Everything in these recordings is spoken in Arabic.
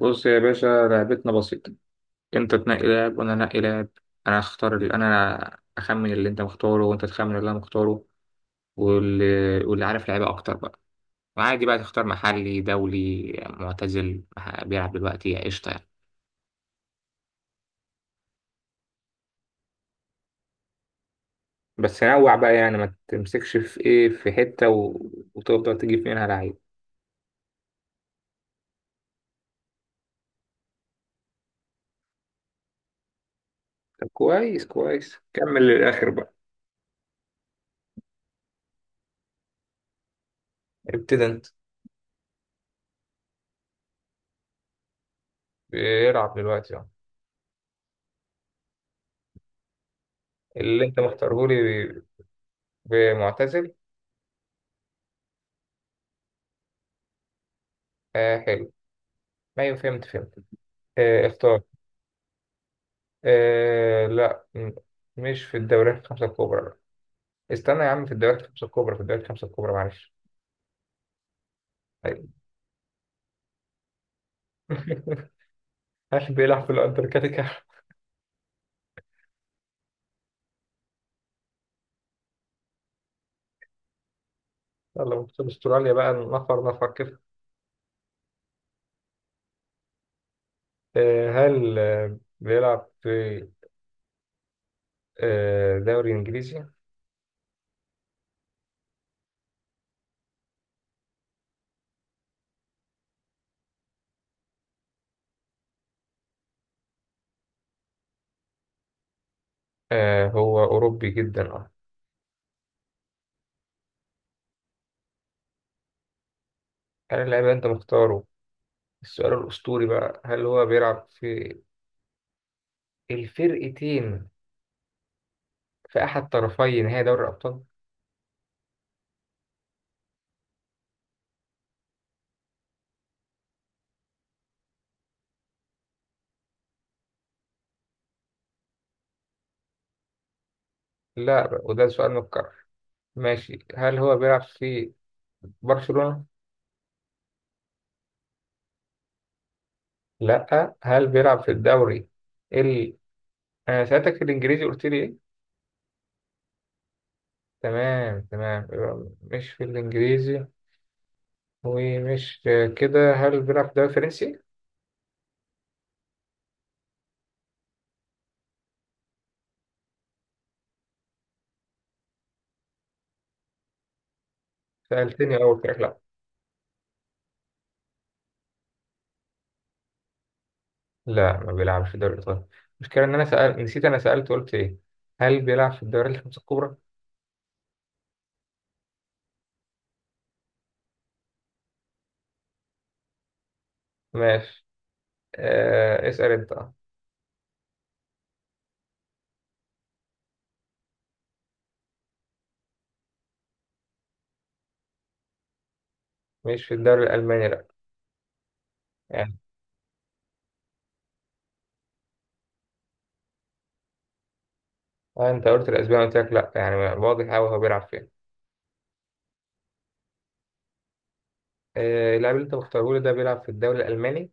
بص يا باشا، لعبتنا بسيطة. انت تنقي لاعب وانا انقي لاعب. انا اختار اللي انا اخمن اللي انت مختاره وانت تخمن اللي انا مختاره. واللي, واللي عارف لعيبة اكتر بقى. وعادي بقى تختار محلي دولي معتزل بيلعب دلوقتي، قشطة يعني. بس نوع بقى يعني، ما تمسكش في ايه، في حتة وتفضل تجيب منها لعيب. طب كويس كويس، كمل للآخر بقى. ابتدى انت. بيلعب دلوقتي اه. اللي انت مختاره لي بمعتزل. آه حلو. ما فهمت. فهمت. اختار. آه لا م- مش في الدوريات الخمسة الكبرى لا. استنى يا عم، في الدوريات الخمسة الكبرى، في الدوريات الخمسة الكبرى معلش. أيوة. هل بيلعب في الأنتاركتيكا؟ يلا بص، أستراليا بقى نفر نفر كده. آه هل بيلعب في آه دوري إنجليزي؟ آه هو أوروبي جدا أه. هل اللاعب اللي أنت مختاره، السؤال الأسطوري بقى، هل هو بيلعب في الفرقتين، في أحد طرفي نهائي دوري الأبطال؟ لا بقى، وده سؤال متكرر. ماشي، هل هو بيلعب في برشلونة؟ لا، هل بيلعب في الدوري ال انا سألتك في الانجليزي، قلت لي ايه؟ تمام تمام، يبقى مش في الانجليزي ومش كده. هل بيلعب في الدوري الفرنسي؟ سألتني اول كده لا. لا ما بيلعبش في الدوري الايطالي. المشكلة ان انا نسيت انا سألت قلت ايه. هل بيلعب في الدوري الخمسة الكبرى؟ ماشي. اسأل انت اه. مش في الدوري الالماني لا. يعني آه انت قلت الاسباني قلت لك لا، يعني واضح قوي هو بيلعب فين. اللاعب اللي انت مختاره لي ده بيلعب في الدوري الالماني؟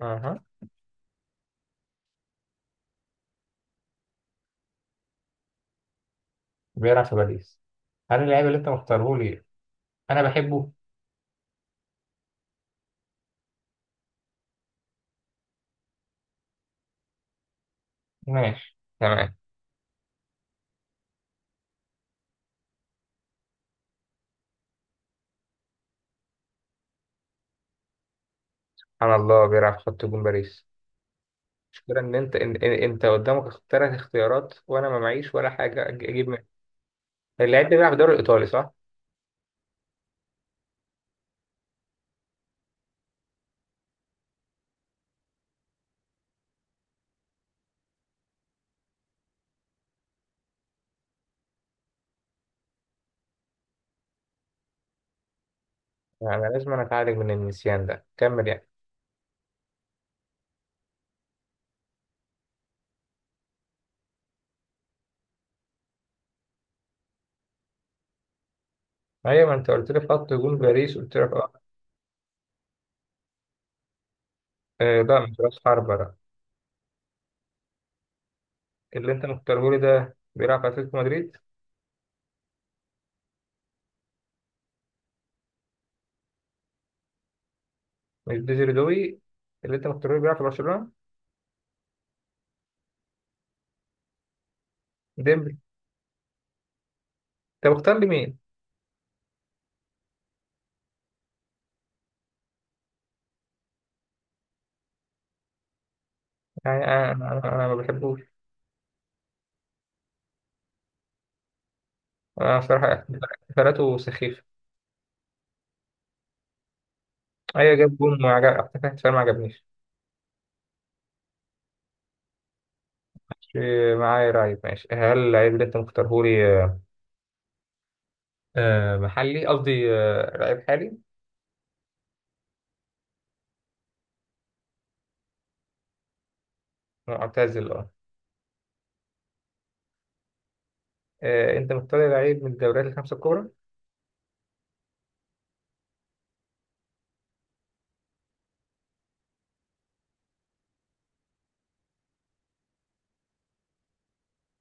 اها. بيلعب في باريس. هل اللاعب اللي انت مختاره لي انا بحبه؟ ماشي تمام. سبحان الله بيلعب في خط جون باريس. المشكلة ان انت انت قدامك ثلاث اختيارات وانا ما معيش ولا حاجة اجيب منها. اللاعب ده بيلعب في الدوري الايطالي صح؟ يعني لازم انا اتعالج من النسيان ده، كمل يعني. ايوه ما انت قلت لي في خط جون باريس قلت لك اه. آه، لا مش راس حربة لا. اللي انت مختاره لي ده بيلعب في اتلتيكو مدريد. مش ديزري دوي. اللي انت مختاره لي بيلعب في برشلونة. ديمبلي. انت مختار لي مين؟ يعني انا انا أنا ما بحبوش. بصراحة احتفالاته سخيفة. أيوة جاب جون وعجب، احتفال احتفال ما عجبنيش. مش معايا لعيب. ماشي هل لعيب اللي أنت مختارهولي محلي، قصدي لعيب حالي؟ معتزل اه. أنت مختار لعيب من الدوريات الخمسة الكبرى؟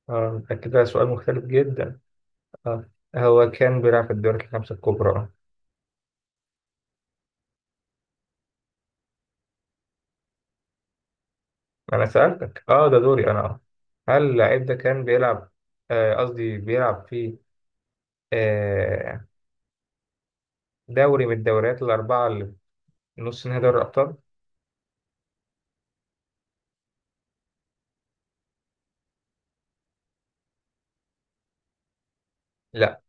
اه متأكد؟ ده كده سؤال مختلف جدا. اه، هو كان بيلعب في الدوريات الخمسة الكبرى اه. أنا سألتك اه ده دوري أنا اه. هل اللعيب ده كان بيلعب، قصدي بيلعب في آه، دوري من الدوريات الأربعة اللي في نص نهائي دوري الأبطال؟ لا.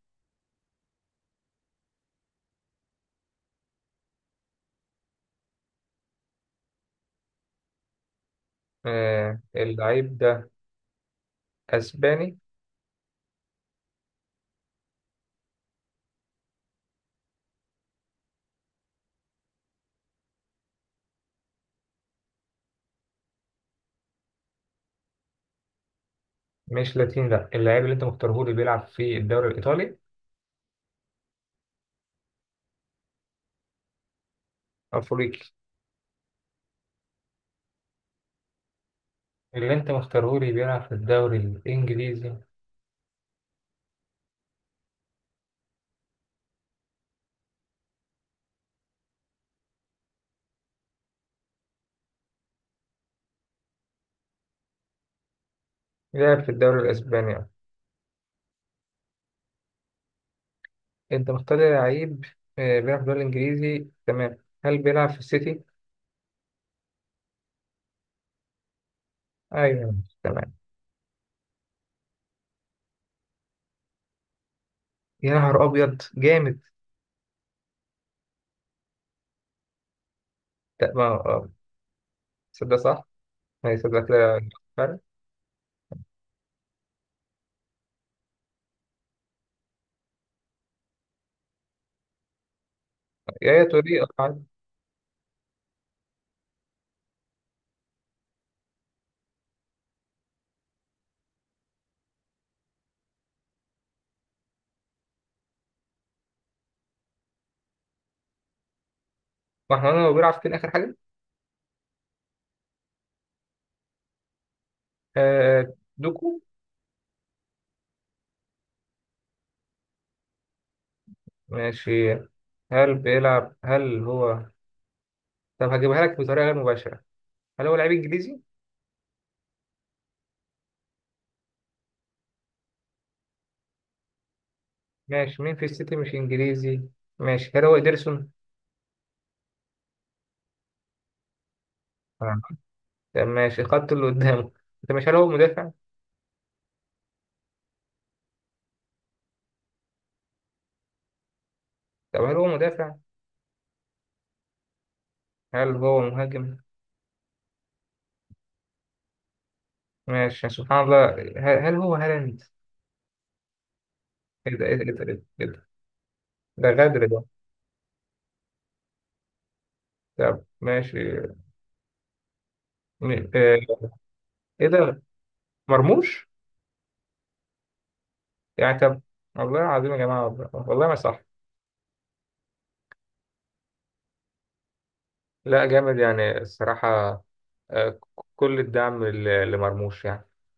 آه اللعيب ده اسباني. مش لاتيني لا. اللعيب اللي انت مختاره لي بيلعب في الدوري الايطالي؟ افريقي. اللي انت مختاره لي بيلعب في الدوري الانجليزي. بيلعب في الدوري الاسباني آه. انت مختار لي لعيب آه بيلعب في الدوري الانجليزي تمام. هل بيلعب في السيتي؟ ايوه. تمام. يا نهار ابيض، جامد! لا ما صدق صح. ما يصدق كده، فرق. يا توري عادي. ما احنا قلنا هو بيلعب فين اخر حاجه. آه دوكو. ماشي. هل بيلعب هل هو، طب هجيبها لك بطريقة غير مباشرة. هل هو لعيب إنجليزي؟ ماشي، مين في السيتي مش إنجليزي؟ ماشي، هل هو إيدرسون؟ آه. طب ماشي الخط اللي قدامه. أنت مش، هل هو مدافع؟ طب هل هو مدافع؟ هل هو مهاجم؟ ماشي سبحان الله، هل هو هالاند؟ إيه ده إيه ده إيه ده إيه ده إيه ده، ده غدر ده. طب ماشي، م- آه، إيه ده، مرموش؟ يعني طب، والله العظيم يا جماعة، والله والله ما صح. لا جامد يعني الصراحة. آه، ك- كل الدعم لمرموش يعني.